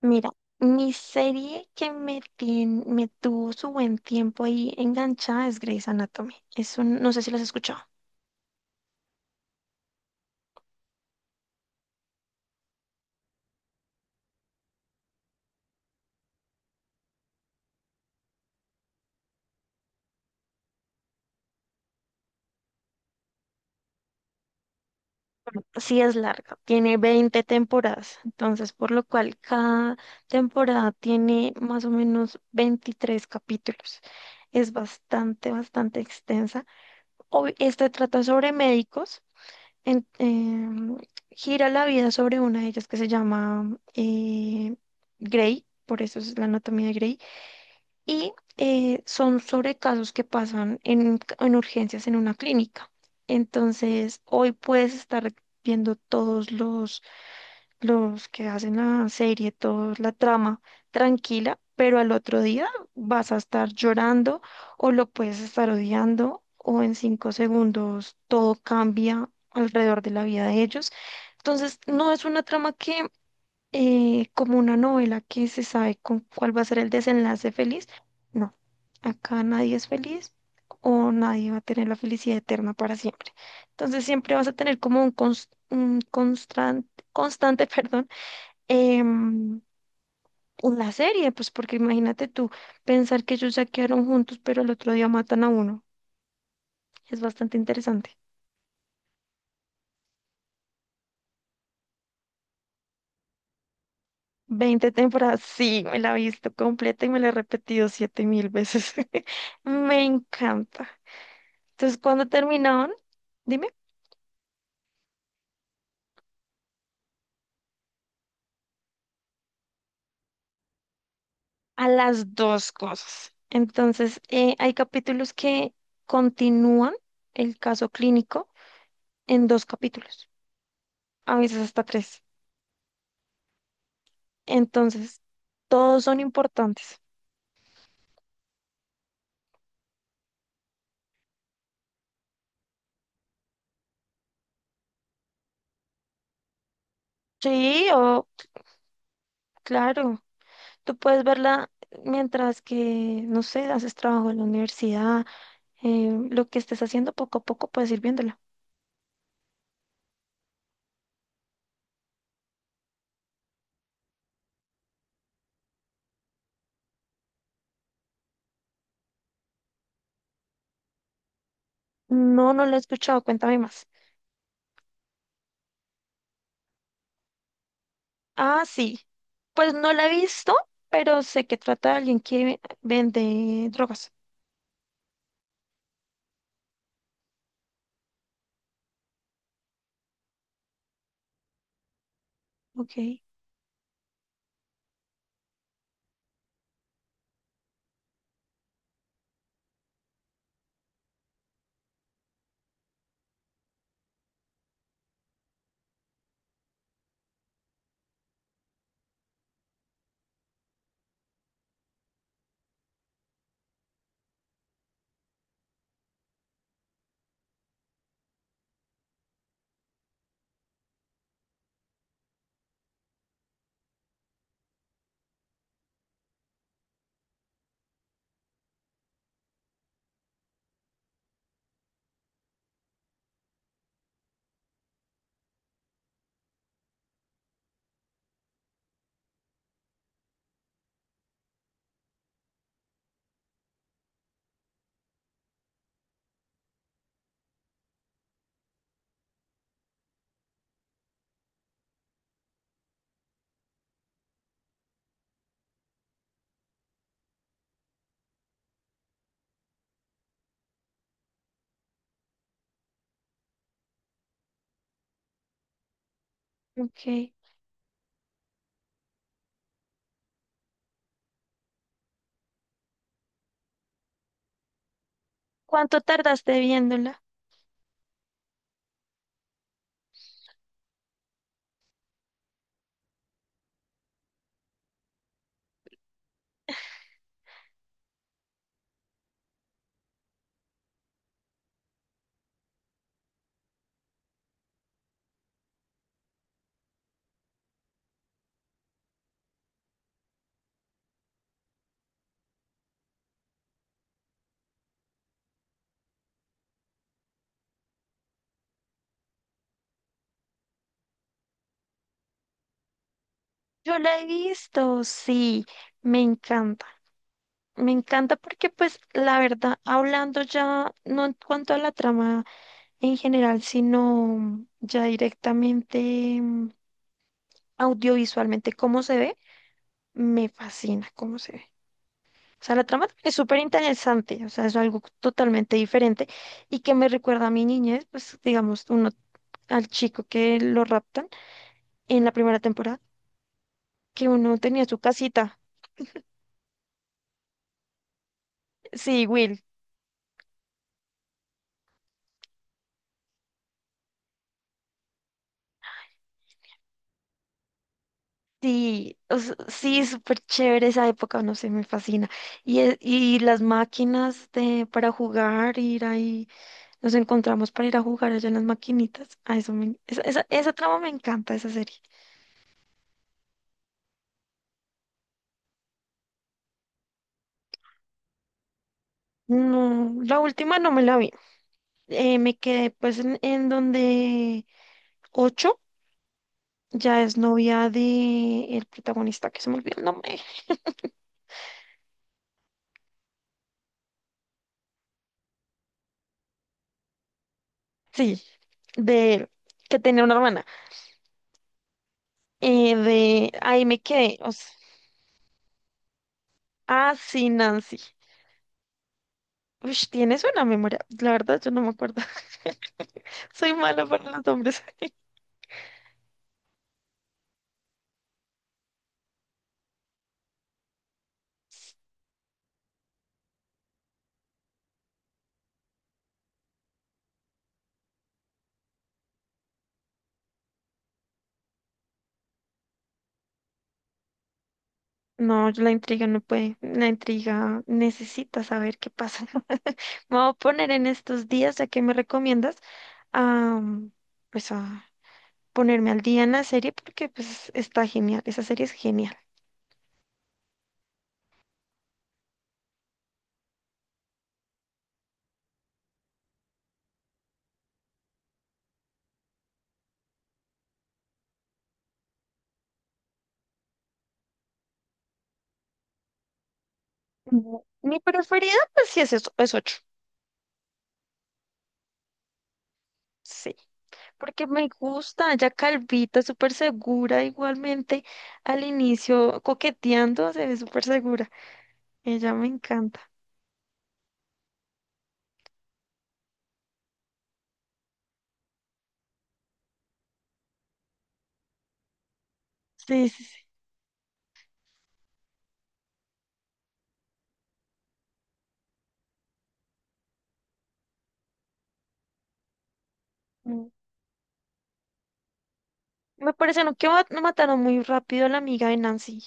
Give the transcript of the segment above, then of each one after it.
Mira, mi serie que me tuvo su buen tiempo ahí enganchada es Grey's Anatomy. No sé si las has escuchado. Sí es larga, tiene 20 temporadas, entonces por lo cual cada temporada tiene más o menos 23 capítulos. Es bastante, bastante extensa. Esta trata sobre médicos. en- em, Gira la vida sobre una de ellas que se llama Grey, por eso es la anatomía de Grey, y son sobre casos que pasan en urgencias en una clínica. Entonces, hoy puedes estar viendo todos los que hacen la serie, toda la trama tranquila, pero al otro día vas a estar llorando o lo puedes estar odiando o en 5 segundos todo cambia alrededor de la vida de ellos. Entonces, no es una trama que, como una novela que se sabe con cuál va a ser el desenlace feliz, no, acá nadie es feliz, o nadie va a tener la felicidad eterna para siempre. Entonces siempre vas a tener como un constante, constante, perdón, em, la serie, pues porque imagínate tú pensar que ellos ya quedaron juntos, pero el otro día matan a uno. Es bastante interesante. 20 temporadas, sí, me la he visto completa y me la he repetido 7.000 veces. Me encanta. Entonces, cuando terminaban, dime, a las dos cosas. Entonces, hay capítulos que continúan el caso clínico en dos capítulos, a veces hasta tres. Entonces, todos son importantes. Sí, o claro, tú puedes verla mientras que, no sé, haces trabajo en la universidad, lo que estés haciendo poco a poco puedes ir viéndola. No, no la he escuchado, cuéntame más. Ah, sí, pues no la he visto, pero sé que trata de alguien que vende drogas. Ok, ok. ¿Cuánto tardaste viéndola? Yo la he visto, sí, me encanta. Me encanta porque, pues, la verdad, hablando ya, no en cuanto a la trama en general, sino ya directamente mm, audiovisualmente cómo se ve, me fascina cómo se ve. O sea, la trama es súper interesante, o sea, es algo totalmente diferente y que me recuerda a mi niñez, pues digamos, uno al chico que lo raptan en la primera temporada, que uno tenía su casita. Sí, Will. Sí, o sea, sí, súper chévere esa época, no sé, me fascina. Y, y las máquinas de, para jugar, ir ahí nos encontramos para ir a jugar allá en las maquinitas. A eso esa trama me encanta, esa serie. No, la última no me la vi. Me quedé pues en donde Ocho ya es novia de el protagonista, que se me olvidó el nombre. Sí, de él, que tenía una hermana. De ahí me quedé. O sea, ah, sí, Nancy. Uy, tienes una memoria. La verdad, yo no me acuerdo. Soy mala para los nombres. No, la intriga no puede. La intriga necesita saber qué pasa. Me voy a poner en estos días, ya que me recomiendas, a, pues a ponerme al día en la serie porque pues está genial. Esa serie es genial. Mm, Mi preferida, pues sí, es ocho. Sí, porque me gusta, ya calvita, súper segura, igualmente al inicio coqueteando, se ve súper segura. Ella me encanta. Sí, sí, sí. Mm. Me parece, no, que no mataron muy rápido a la amiga de Nancy.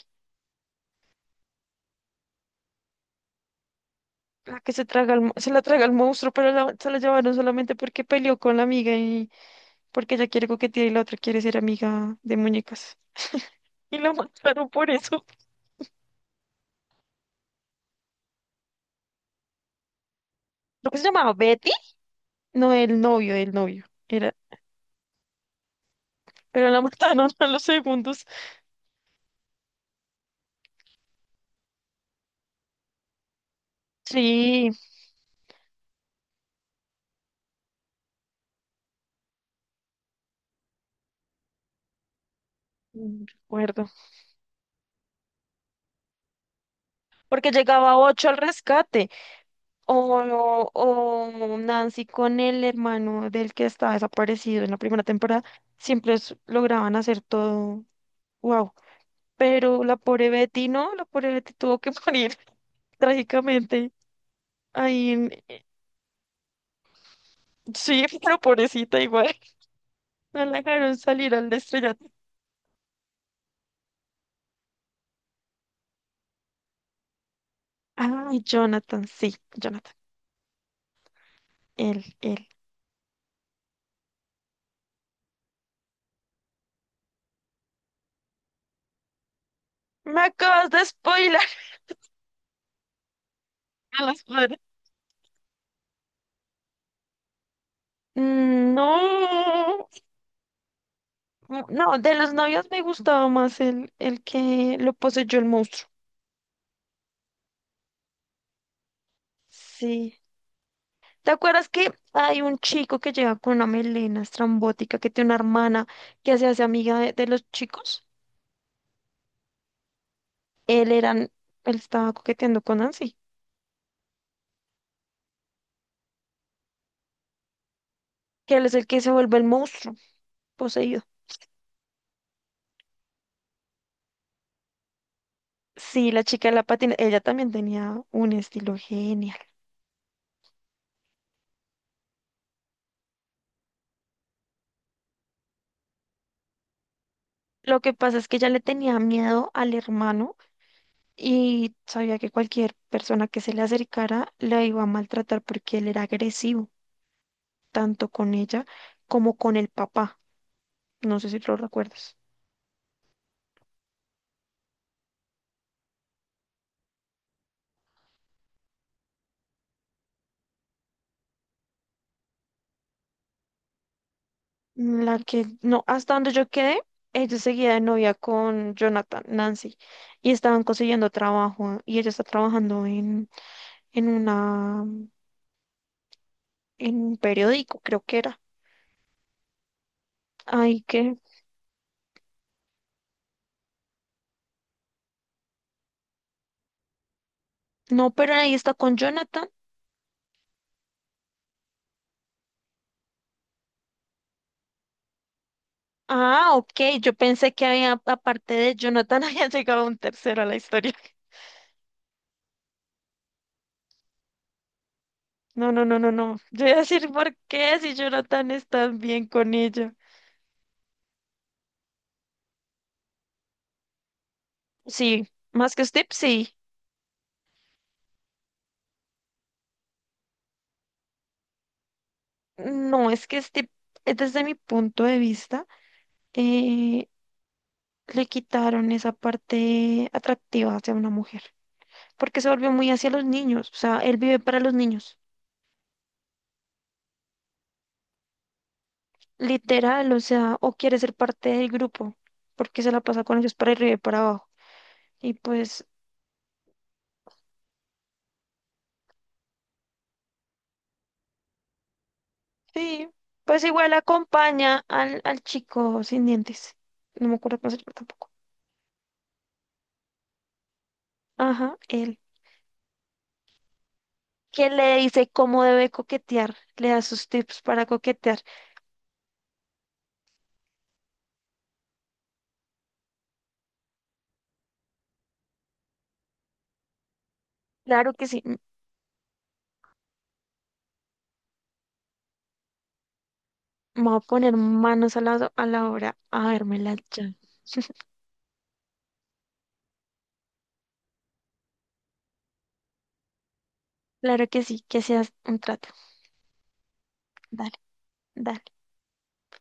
La que se traga al se la traga el monstruo, pero se la llevaron solamente porque peleó con la amiga y porque ella quiere coquetear y la otra quiere ser amiga de muñecas. Y la mataron por eso. ¿Lo que se llamaba Betty? No, el novio, el novio. Era, pero la mataron a los segundos. Sí, recuerdo. Porque llegaba Ocho al rescate. O Nancy con el hermano del que está desaparecido en la primera temporada. Siempre lograban hacer todo. Wow. Pero la pobre Betty no, la pobre Betty tuvo que morir trágicamente. Ahí en... Sí, pero pobrecita igual. No la dejaron salir al estrellato. Ay, Jonathan, sí, Jonathan. Él, él. Me acabas de spoiler a los padres. No, no, de los novios me gustaba más el que lo poseyó el monstruo. Sí. ¿Te acuerdas que hay un chico que llega con una melena estrambótica que tiene una hermana que se hace amiga de los chicos? Él era, él estaba coqueteando con Nancy, que él es el que se vuelve el monstruo poseído. Sí, la chica de la patina, ella también tenía un estilo genial. Lo que pasa es que ella le tenía miedo al hermano y sabía que cualquier persona que se le acercara la iba a maltratar porque él era agresivo, tanto con ella como con el papá. No sé si lo recuerdas. La que, no, hasta donde yo quedé, ella seguía de novia con Jonathan, Nancy, y estaban consiguiendo trabajo, y ella está trabajando en una, en un periódico, creo que era. Ay, que, no, pero ahí está con Jonathan. Ah, ok, yo pensé que había, aparte de Jonathan, había llegado un tercero a la historia. No, no, no, no, no. Yo iba a decir, ¿por qué si Jonathan está bien con ella? Sí, más que Steve, sí. No, es que Steve, desde mi punto de vista, eh, le quitaron esa parte atractiva hacia una mujer, porque se volvió muy hacia los niños, o sea, él vive para los niños, literal, o sea, o quiere ser parte del grupo, porque se la pasa con ellos para arriba y para abajo. Y pues, sí, pues igual acompaña al chico sin dientes, no me acuerdo cómo se llama tampoco. Ajá, él. ¿Que le dice cómo debe coquetear? Le da sus tips para coquetear. Claro que sí, me voy a poner manos a a la obra a verme la. Claro que sí, que seas un trato. Dale, dale.